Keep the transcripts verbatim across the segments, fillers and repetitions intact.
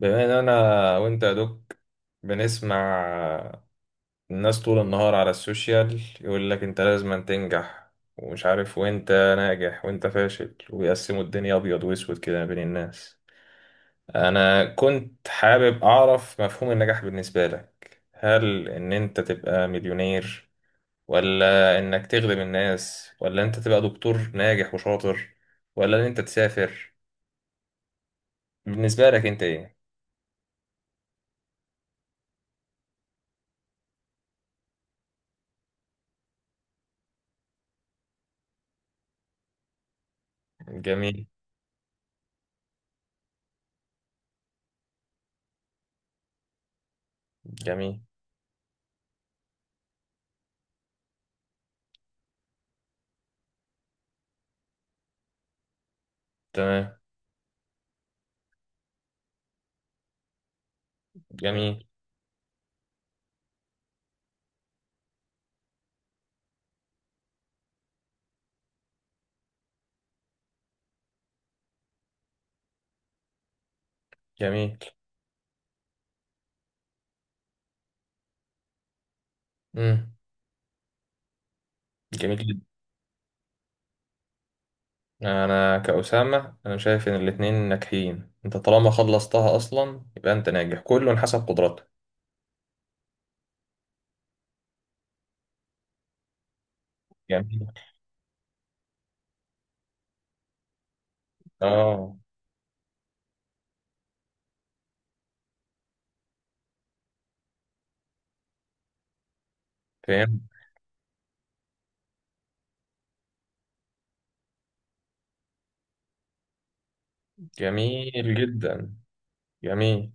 بما ان انا وانت يا دوك بنسمع الناس طول النهار على السوشيال يقول لك انت لازم تنجح ومش عارف، وانت ناجح وانت فاشل، ويقسموا الدنيا ابيض واسود كده ما بين الناس. انا كنت حابب اعرف مفهوم النجاح بالنسبة لك، هل ان انت تبقى مليونير، ولا انك تخدم الناس، ولا انت تبقى دكتور ناجح وشاطر، ولا ان انت تسافر؟ بالنسبة لك انت ايه؟ جميل. جميل. تمام. جميل. جميل. امم جميل جدا. انا كأسامة، انا شايف ان الاتنين ناجحين، انت طالما خلصتها اصلا يبقى انت ناجح، كله حسب قدراته. جميل. اه. فهمت. جميل جدا. جميل.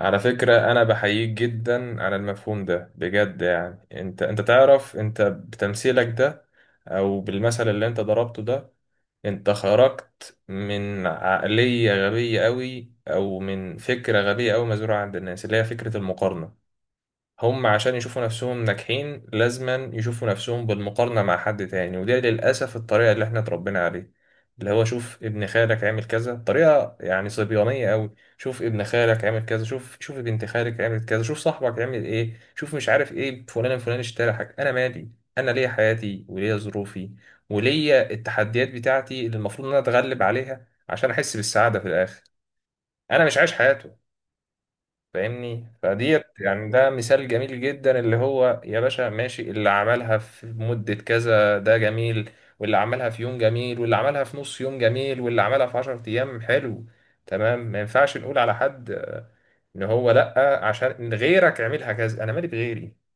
على فكرة انا بحييك جدا على المفهوم ده بجد، يعني انت انت تعرف انت بتمثيلك ده او بالمثل اللي انت ضربته ده، انت خرجت من عقلية غبية قوي او من فكرة غبية قوي مزروعة عند الناس، اللي هي فكرة المقارنة. هم عشان يشوفوا نفسهم ناجحين لازما يشوفوا نفسهم بالمقارنة مع حد تاني، وده للأسف الطريقة اللي احنا اتربينا عليه. اللي هو شوف ابن خالك عامل كذا، طريقة يعني صبيانية قوي. شوف ابن خالك عامل كذا، شوف شوف بنت خالك عملت كذا، شوف صاحبك عمل ايه، شوف مش عارف ايه، فلان الفلاني اشترى حاجة، انا مالي. انا ليا حياتي وليا ظروفي وليا التحديات بتاعتي اللي المفروض ان انا اتغلب عليها عشان احس بالسعادة في الاخر. انا مش عايش حياته، فاهمني؟ فديت يعني ده مثال جميل جدا، اللي هو يا باشا ماشي، اللي عملها في مدة كذا ده جميل، واللي عملها في يوم جميل، واللي عملها في نص يوم جميل، واللي عملها في عشر أيام حلو، تمام. ما ينفعش نقول على حد آه، إن هو لأ عشان إن غيرك عملها كذا، أنا مالي بغيري.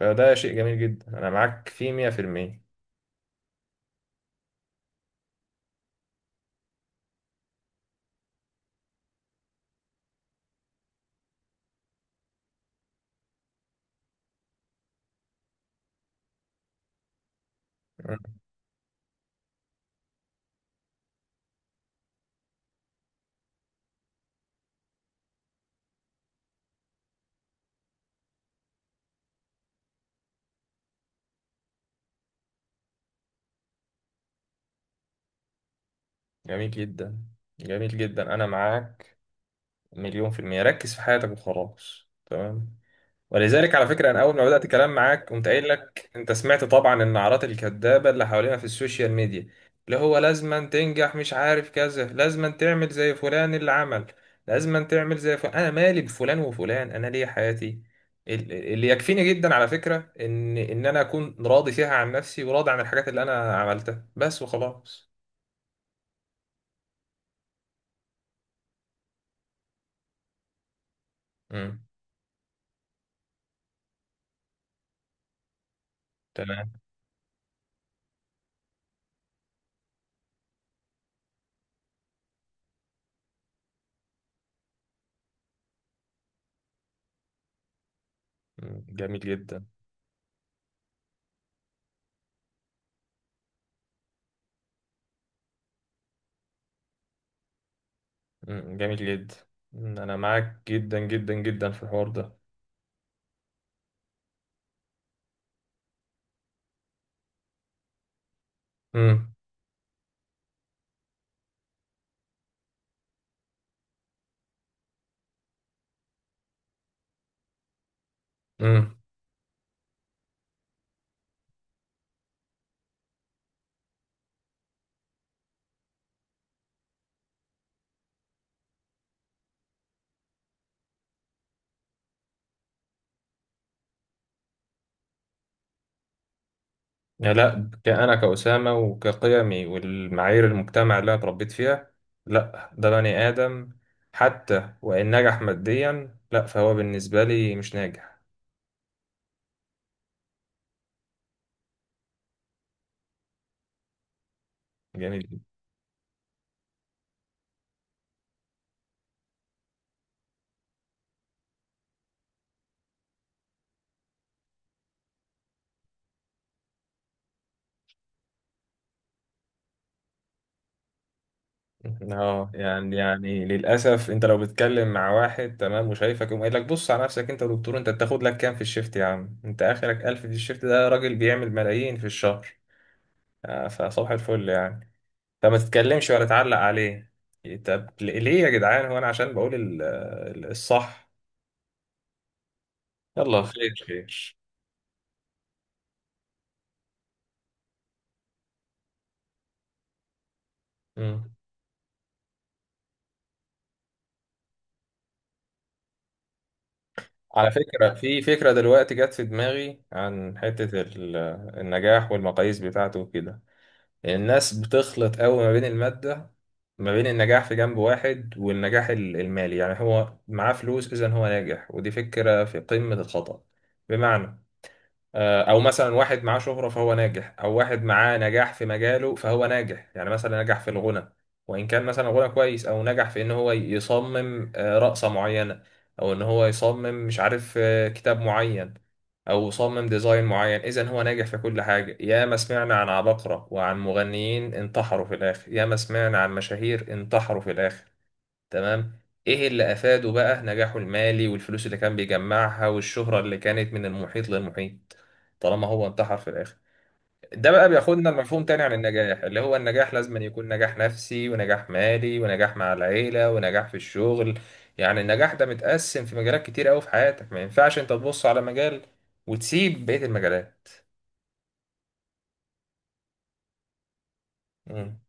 فده شيء جميل جدا، أنا معاك فيه مية في المية. مم. جميل جدا. جميل جدا، أنا معاك مليون في المية. ركز في حياتك وخلاص، تمام. ولذلك على فكرة أنا أول ما بدأت كلام معاك قمت قايل لك أنت سمعت طبعا النعرات الكذابة اللي حوالينا في السوشيال ميديا، اللي هو لازما تنجح، مش عارف كذا، لازما تعمل زي فلان اللي عمل، لازما تعمل زي فلان. أنا مالي بفلان وفلان، أنا ليه حياتي. ال- اللي يكفيني جدا على فكرة إن إن أنا أكون راضي فيها عن نفسي، وراضي عن الحاجات اللي أنا عملتها بس وخلاص. امم تمام. مم. جميل جدا. مم. جميل جدا. مم. أنا معاك جدا جدا جدا في الحوار ده. امم يعني لا، كأنا كأسامة وكقيمي والمعايير المجتمع اللي أنا اتربيت فيها، لا ده بني آدم حتى وإن نجح ماديا لا فهو بالنسبة لي مش ناجح. جميل. اه. يعني يعني للأسف أنت لو بتتكلم مع واحد تمام وشايفك يقوم قايل لك بص على نفسك أنت يا دكتور، أنت بتاخد لك كام في الشيفت؟ يا عم أنت آخرك ألف في الشيفت، ده راجل بيعمل ملايين في الشهر. آه، فصباح الفل يعني. طب ما تتكلمش ولا تعلق عليه؟ طب ليه يا جدعان، هو انا عشان بقول ال- ال- الصح يلا خير خير. مم. على فكرة في فكرة دلوقتي جت في دماغي عن حتة ال- النجاح والمقاييس بتاعته وكده. الناس بتخلط قوي ما بين المادة، ما بين النجاح في جنب واحد، والنجاح ال- المالي، يعني هو معاه فلوس إذا هو ناجح، ودي فكرة في قمة الخطأ. بمعنى آه، او مثلا واحد معاه شهرة فهو ناجح، او واحد معاه نجاح في مجاله فهو ناجح، يعني مثلا نجح في الغنى وان كان مثلا غنى كويس، او نجح في ان هو يصمم آه، رقصة معينة، او ان هو يصمم مش عارف آه، كتاب معين، او صمم ديزاين معين، اذا هو ناجح في كل حاجة. يا ما سمعنا عن عباقرة وعن مغنيين انتحروا في الاخر، يا ما سمعنا عن مشاهير انتحروا في الاخر، تمام؟ ايه اللي افاده بقى نجاحه المالي والفلوس اللي كان بيجمعها والشهرة اللي كانت من المحيط للمحيط طالما هو انتحر في الاخر؟ ده بقى بياخدنا لمفهوم تاني عن النجاح، اللي هو النجاح لازم أن يكون نجاح نفسي ونجاح مالي ونجاح مع العيلة ونجاح في الشغل. يعني النجاح ده متقسم في مجالات كتير قوي في حياتك، ما ينفعش انت تبص على مجال وتسيب بقية المجالات. مم.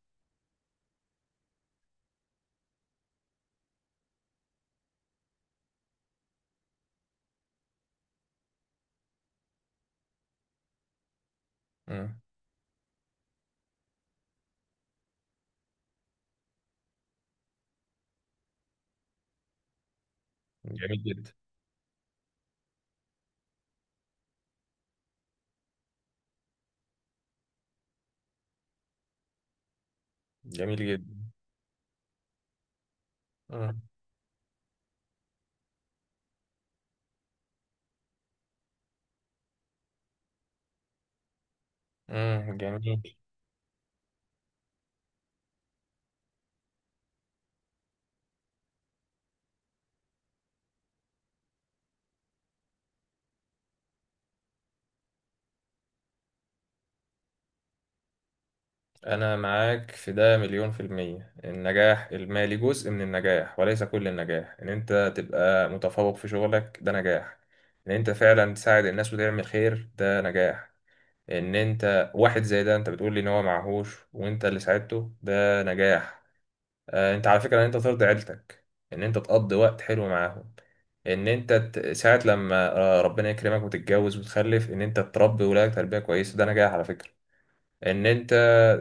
مم. جميل جدا. جميل جدا. مم. مم. جميل. أنا معاك في ده مليون في المية. النجاح المالي جزء من النجاح وليس كل النجاح. إن أنت تبقى متفوق في شغلك ده نجاح. إن أنت فعلا تساعد الناس وتعمل خير ده نجاح. إن أنت واحد زي ده أنت بتقول لي إن هو معهوش وأنت اللي ساعدته ده نجاح. آه، أنت على فكرة إن أنت ترضي عيلتك، إن أنت تقضي وقت حلو معاهم، إن أنت ت- ساعة لما آه، ربنا يكرمك وتتجوز وتخلف، إن أنت تربي ولادك تربية كويسة ده نجاح على فكرة. ان انت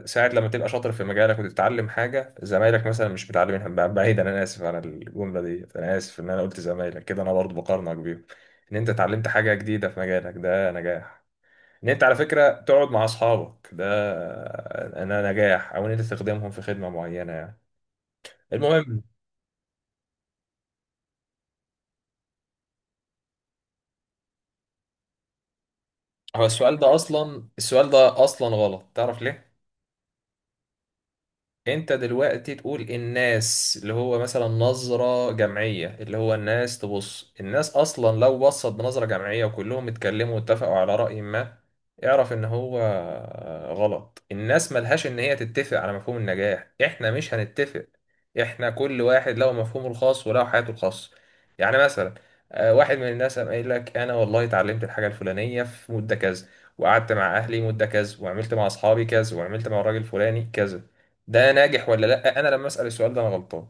ساعة لما تبقى شاطر في مجالك وتتعلم حاجة زمايلك مثلا مش متعلمينها، ب- بعيدا، انا اسف على الجملة دي، انا اسف ان انا قلت زمايلك كده، انا برضو بقارنك بيهم. ان انت اتعلمت حاجة جديدة في مجالك ده نجاح. ان انت على فكرة تقعد مع اصحابك ده انا نجاح، او ان انت تخدمهم في خدمة معينة، يعني المهم. هو السؤال ده اصلا، السؤال ده اصلا غلط، تعرف ليه؟ انت دلوقتي تقول الناس اللي هو مثلا نظرة جمعية، اللي هو الناس تبص، الناس اصلا لو بصت بنظرة جمعية وكلهم اتكلموا واتفقوا على رأي ما اعرف ان هو غلط. الناس ملهاش ان هي تتفق على مفهوم النجاح، احنا مش هنتفق. احنا كل واحد له مفهومه الخاص وله حياته الخاصة. يعني مثلا آه، واحد من الناس قام قايل لك انا والله اتعلمت الحاجة الفلانية في مدة كذا، وقعدت مع اهلي مدة كذا، وعملت مع اصحابي كذا، وعملت مع الراجل الفلاني كذا، ده ناجح ولا لا؟ انا لما اسال السؤال ده انا غلطان.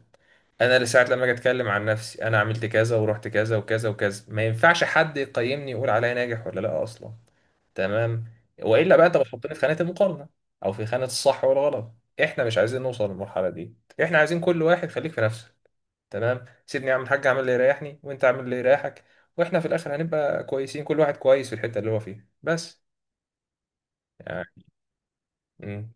انا لساعة لما اجي اتكلم عن نفسي، انا عملت كذا ورحت كذا وكذا وكذا، ما ينفعش حد يقيمني يقول عليا ناجح ولا لا اصلا، تمام؟ والا بقى انت بتحطني في خانة المقارنة او في خانة الصح والغلط. احنا مش عايزين نوصل للمرحلة دي، احنا عايزين كل واحد خليك في نفسك، تمام، سيبني اعمل حاجة، اعمل اللي يريحني وانت اعمل اللي يريحك، واحنا في الاخر هنبقى كويسين، كل واحد كويس في الحتة اللي هو فيها بس يعني.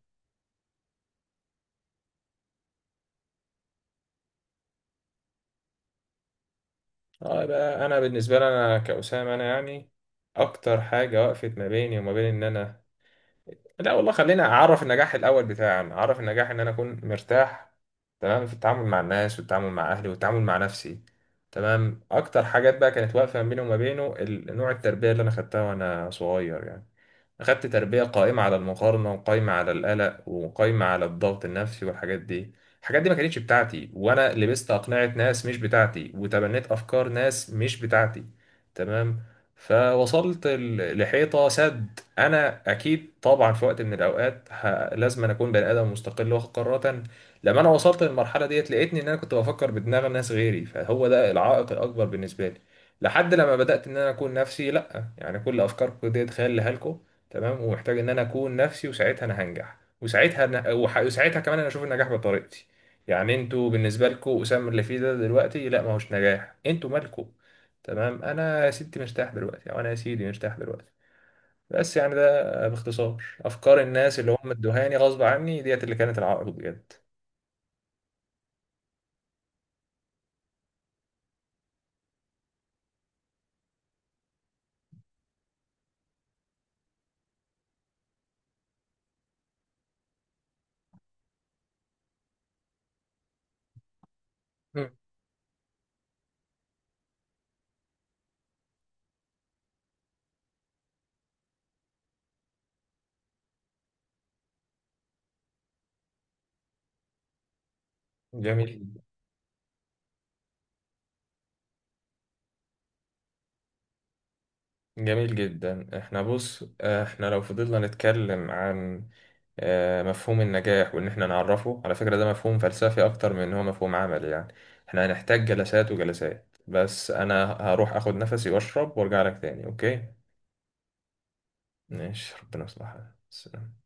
اه بقى، انا بالنسبه لي انا كأسامه، انا يعني اكتر حاجه وقفت ما بيني وما بين ان انا، لا والله خلينا اعرف النجاح الاول بتاعي. انا اعرف النجاح ان انا اكون مرتاح، تمام، في التعامل مع الناس والتعامل مع اهلي والتعامل مع نفسي، تمام. اكتر حاجات بقى كانت واقفه ما بيني وما بينه ال- نوع التربيه اللي انا خدتها وانا صغير يعني. أخدت تربية قائمة على المقارنة، وقائمة على القلق، وقائمة على الضغط النفسي، والحاجات دي الحاجات دي ما كانتش بتاعتي، وأنا لبست أقنعة ناس مش بتاعتي، وتبنيت أفكار ناس مش بتاعتي، تمام. فوصلت ل- لحيطة سد. أنا أكيد طبعا في وقت من الأوقات ه... لازم أنا أكون بني آدم مستقل واخد قرارات. لما أنا وصلت للمرحلة ديت لقيتني إن أنا كنت بفكر بدماغ الناس غيري، فهو ده العائق الأكبر بالنسبة لي لحد لما بدأت إن أنا أكون نفسي. لأ، يعني كل أفكاركم ديت خيال لكم، تمام، ومحتاج ان انا اكون نفسي، وساعتها انا هنجح، وساعتها أنا وح- وساعتها كمان انا اشوف النجاح بطريقتي. يعني انتوا بالنسبه لكم اسامه اللي فيه ده دلوقتي لا ما هوش نجاح، انتوا مالكم، تمام؟ انا يا ستي مرتاح دلوقتي، او انا يا سيدي مرتاح دلوقتي بس. يعني ده باختصار افكار الناس اللي هم ادوهاني غصب عني ديت اللي كانت العائق بجد. مم. جميل. جميل جدا. احنا بص آه، احنا لو فضلنا نتكلم عن آه، مفهوم النجاح وان احنا نعرفه، على فكرة ده مفهوم فلسفي اكتر من ان هو مفهوم عملي يعني، احنا هنحتاج جلسات وجلسات، بس انا هروح اخد نفسي واشرب وارجع لك تاني، اوكي؟ ماشي، ربنا يصلحك، سلام.